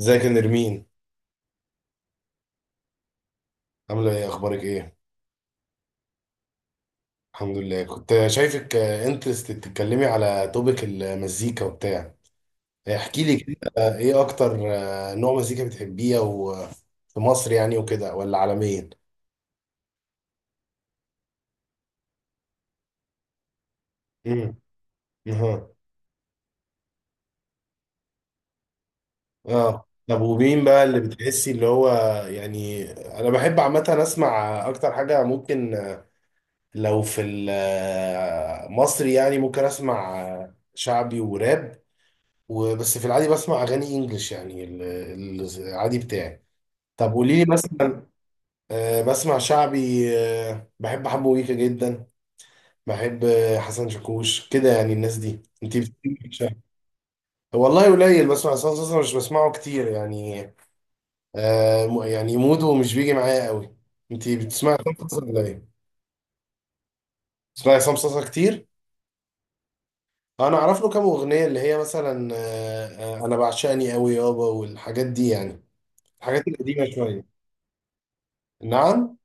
ازيك يا نرمين؟ عامله ايه؟ اخبارك ايه؟ الحمد لله. كنت شايفك انترست تتكلمي على توبيك المزيكا وبتاع. احكي لي كده، ايه اكتر نوع مزيكا بتحبيه او في مصر يعني وكده، ولا عالميا؟ امم اها. اه، طب ومين بقى اللي بتحسي اللي هو يعني. انا بحب عامه اسمع اكتر حاجه ممكن، لو في المصري يعني ممكن اسمع شعبي وراب وبس. في العادي بسمع اغاني انجلش يعني، العادي بتاعي. طب قولي لي مثلا، بسمع شعبي. بحب حمو ويكا جدا. بحب حسن شاكوش، كده يعني. الناس دي انت بتسمعي شعبي؟ والله قليل بسمع حسن شاكوش، مش بسمعه كتير يعني. يعني موده مش بيجي معايا قوي. انت بتسمعي حسن شاكوش ولا ايه؟ بتسمعي حسن شاكوش كتير؟ انا اعرف له كام اغنيه اللي هي مثلا، انا بعشقني قوي يابا والحاجات دي يعني. الحاجات القديمه شويه. نعم؟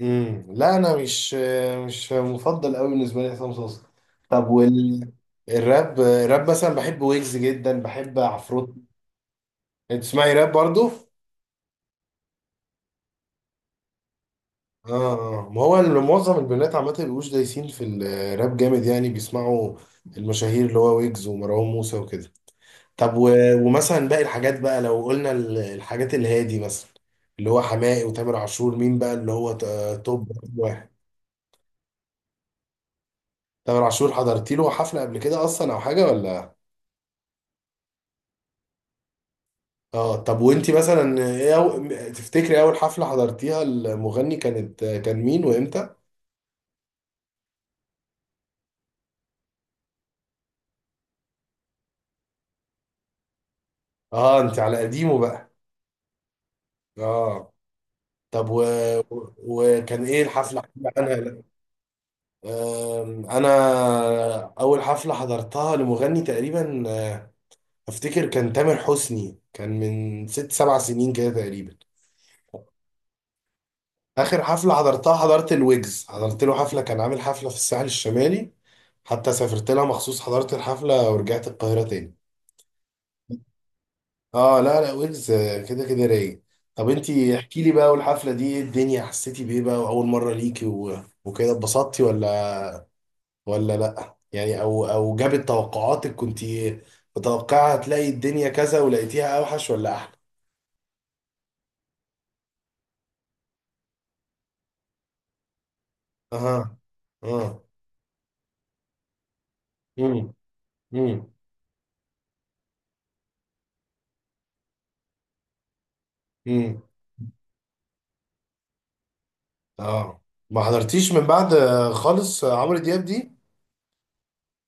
لا انا مش مش مفضل قوي بالنسبه لي عصام صاصا. طب وال الراب، الراب مثلا بحب ويجز جدا، بحب عفروت. انت تسمعي راب برضو؟ اه. ما هو معظم البنات عامه بيبقوش دايسين في الراب جامد يعني، بيسمعوا المشاهير اللي هو ويجز ومروان موسى وكده. طب و... ومثلا باقي الحاجات بقى، لو قلنا الحاجات الهادي مثلا، اللي هو حماقي وتامر عشور، مين بقى اللي هو توب واحد؟ تامر عاشور حضرتي له حفله قبل كده اصلا او حاجه ولا؟ اه. طب وانتي مثلا ايه أو... تفتكري اول حفلة حضرتيها المغني كانت كان مين وامتى؟ اه، انت على قديمه بقى. اه، طب و... وكان ايه الحفلة؟ احكي عنها. انا اول حفلة حضرتها لمغني تقريبا، افتكر كان تامر حسني، كان من 6 7 سنين كده تقريبا. اخر حفلة حضرتها، حضرت الويجز، حضرت له حفلة، كان عامل حفلة في الساحل الشمالي، حتى سافرت لها مخصوص، حضرت الحفلة ورجعت القاهرة تاني. اه لا لا، ويجز كده كده رايق. طب انتي احكي لي بقى، والحفله دي ايه الدنيا؟ حسيتي بايه بقى واول مره ليكي و... وكده اتبسطتي ولا، ولا لا يعني، او او جابت توقعاتك؟ كنتي متوقعه هتلاقي الدنيا كذا ولقيتيها اوحش ولا احلى؟ اها. اه. امم امم امم اه. ما حضرتيش من بعد خالص عمرو دياب دي؟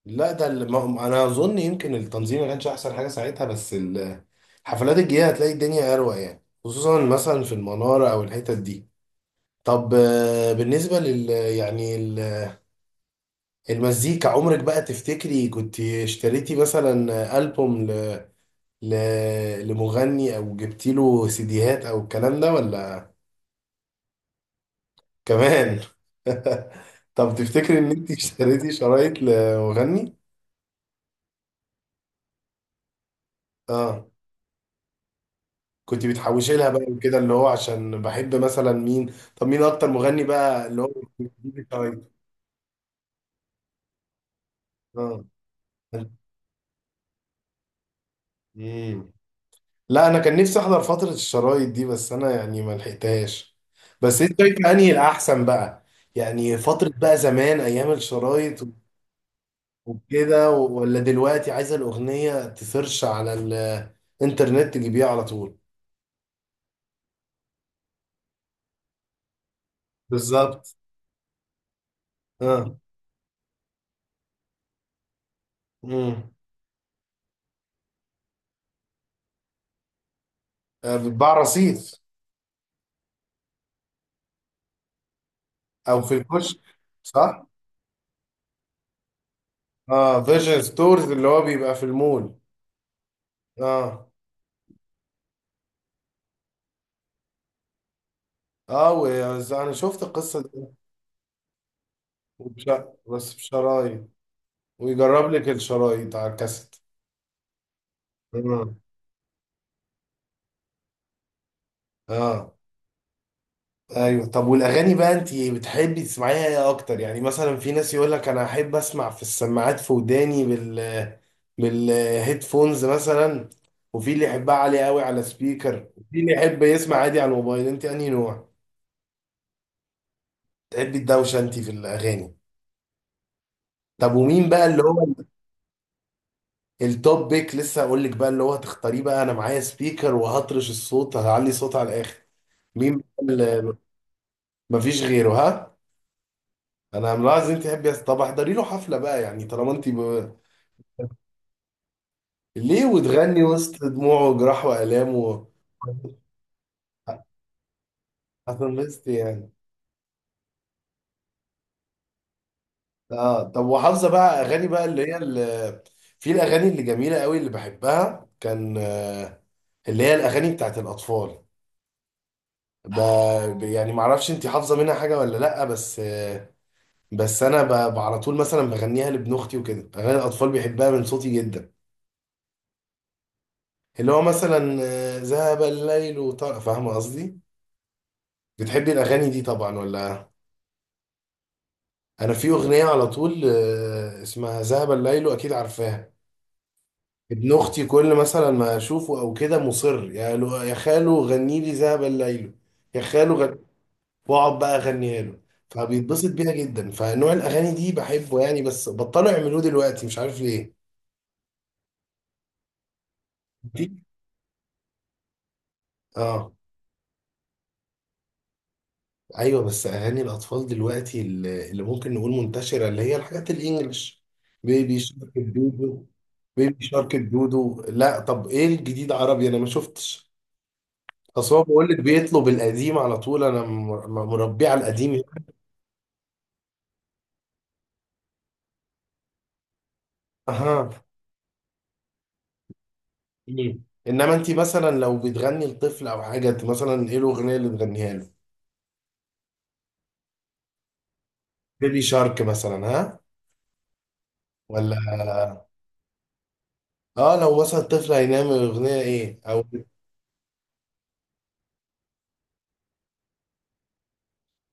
لا، ده اللي ما انا اظن يمكن التنظيم ما كانش احسن حاجه ساعتها، بس الحفلات الجايه هتلاقي الدنيا اروق يعني، خصوصا مثلا في المناره او الحتت دي. طب، بالنسبه لل يعني المزيكا، عمرك بقى تفتكري كنت اشتريتي مثلا البوم ل... ل... لمغني، او جبتي له سيديهات او الكلام ده ولا؟ كمان. طب تفتكري ان انت اشتريتي شرايط لمغني؟ اه، كنت بتحوشي لها بقى وكده اللي هو عشان بحب مثلا مين؟ طب مين اكتر مغني بقى اللي هو بتاعي؟ اه. مم. لا انا كان نفسي احضر فترة الشرايط دي بس انا يعني ما لحقتهاش. بس انت شايف انهي الاحسن بقى؟ يعني فترة بقى زمان ايام الشرايط وكده، ولا دلوقتي عايزة الاغنية تسيرش على الانترنت تجيبيها على طول؟ بالظبط. اه. امم. بتباع رصيف او في الكشك؟ صح. اه، فيجن ستورز اللي هو بيبقى في المول. اه. اه، انا شفت القصه دي. وبش... بس بشرايط؟ ويجرب لك الشرايط على الكاسيت. اه. اه. ايوه، طب والاغاني بقى انت بتحبي تسمعيها ايه اكتر؟ يعني مثلا في ناس يقول لك انا احب اسمع في السماعات في وداني بال بالهيدفونز مثلا، وفي اللي يحبها عالية قوي على سبيكر، وفي اللي يحب يسمع عادي على الموبايل. انت انهي نوع؟ تحبي الدوشه انت في الاغاني؟ طب ومين بقى اللي هو التوب بيك؟ لسه هقول لك بقى اللي هو هتختاريه بقى. انا معايا سبيكر وهطرش الصوت، هعلي صوت على الاخر. مين بقى اللي مفيش غيره ها؟ انا ملاحظ انت تحبي طب احضري له حفله بقى يعني، طالما انت ب... ليه؟ وتغني وسط دموعه وجراح والامه؟ هتنبسط يعني. اه. طب وحافظه بقى اغاني بقى اللي هي اللي... في الاغاني اللي جميله قوي اللي بحبها كان، اللي هي الاغاني بتاعت الاطفال. ب... يعني معرفش انت حافظه منها حاجه ولا لا، بس بس انا على طول مثلا بغنيها لابن اختي وكده. اغاني الاطفال بيحبها من صوتي جدا. اللي هو مثلا ذهب الليل وطار، فاهمه قصدي؟ بتحبي الاغاني دي طبعا ولا؟ انا في اغنيه على طول اسمها ذهب الليل، واكيد عارفاها. ابن اختي كل مثلا ما اشوفه او كده مصر، يا خالو غني لي ذهب الليل، يا خالو غن... واقعد بقى اغنيها له، فبيتبسط بيها جدا. فنوع الاغاني دي بحبه يعني، بس بطلوا يعملوه دلوقتي، مش عارف ليه. دي- اه. ايوه، بس اغاني الاطفال دلوقتي اللي اللي ممكن نقول منتشره اللي هي الحاجات الانجليش، بيبي شارك الدودو. بيبي شارك الدودو. لا طب ايه الجديد عربي؟ انا ما شفتش. اصل هو بقول لك بيطلب القديم على طول، انا مربيه على القديم. اها. انما انت مثلا لو بتغني لطفل او حاجه، انت مثلا ايه الاغنيه اللي بتغنيها له؟ بيبي شارك مثلا ها، ولا؟ اه، لو مثلا الطفل هينام اغنيه ايه او؟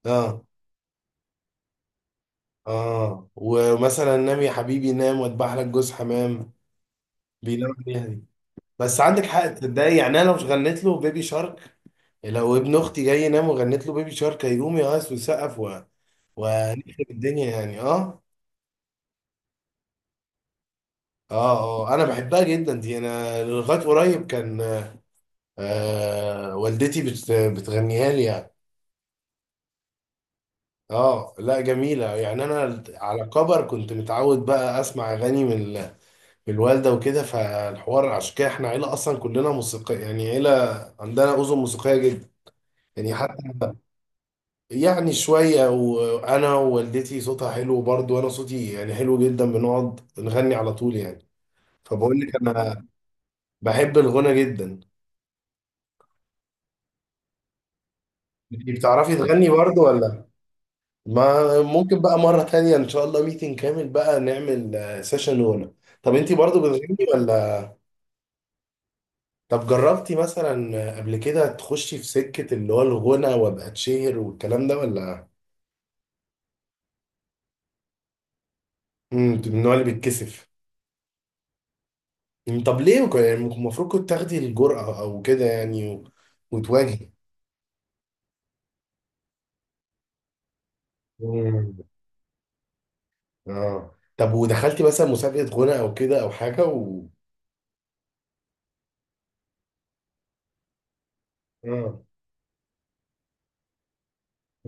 اه. اه، ومثلا نام يا حبيبي نام واتبع لك جوز حمام؟ بينام عليها دي؟ بس عندك حق تصدقي يعني، انا لو غنيت له بيبي شارك، لو ابن اختي جاي ينام وغنيت له بيبي شارك، هيقوم يقص ويسقف و... ونخرب الدنيا يعني. اه. اه. اه، انا بحبها جدا دي، انا لغايه قريب كان، والدتي بت... بتغنيها لي يعني. اه، لا جميله يعني. انا على كبر كنت متعود بقى اسمع اغاني من بالوالدة وكده، فالحوار عشان كده احنا عيلة أصلا كلنا موسيقية يعني، عيلة عندنا أذن موسيقية جدا يعني. حتى يعني شوية، وأنا ووالدتي صوتها حلو برضه وأنا صوتي يعني حلو جدا، بنقعد نغني على طول يعني. فبقول لك أنا بحب الغنى جدا. انتي بتعرفي تغني برضه ولا؟ ما ممكن بقى مرة تانية إن شاء الله، ميتنج كامل بقى نعمل سيشن غنى. طب أنتي برضه بتغني ولا؟ طب جربتي مثلا قبل كده تخشي في سكة اللي هو الغنى وابقى اتشهر والكلام ده ولا؟ من النوع اللي بيتكسف. مم، طب ليه؟ يعني المفروض كنت تاخدي الجرأة او كده يعني و... وتواجهي. مم، اه. طب ودخلتي مثلا مسابقة غنى او كده او حاجة و؟ اه،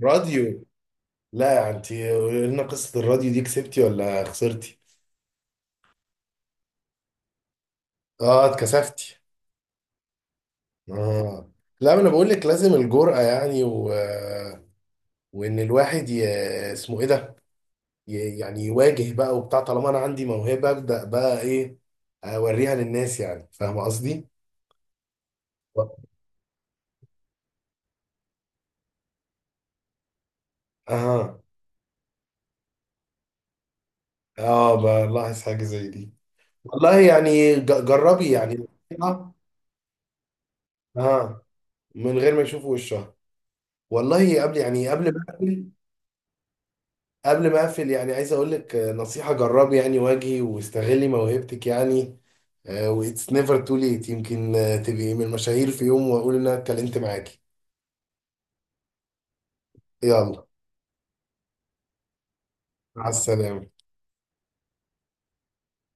راديو؟ لا انت قولي لنا قصة الراديو دي، كسبتي ولا خسرتي؟ اه، اتكسفتي. اه، لا ما انا بقول لك لازم الجرأة يعني و... وان الواحد ي... اسمه ايه ده يعني يواجه بقى وبتاع، طالما انا عندي موهبه ابدا بقى ايه، اوريها للناس يعني، فاهم قصدي؟ اها، اه، بلاحظ حاجه زي دي. والله يعني جربي يعني. اه، آه، من غير ما يشوفوا وشها. والله قبل يعني، قبل ما اقفل، قبل ما اقفل يعني، عايز اقول لك نصيحه، جربي يعني، واجهي واستغلي موهبتك يعني. واتس نيفر تو ليت، يمكن تبقي من المشاهير في يوم واقول ان انا اتكلمت معاكي. يلا، مع السلامه.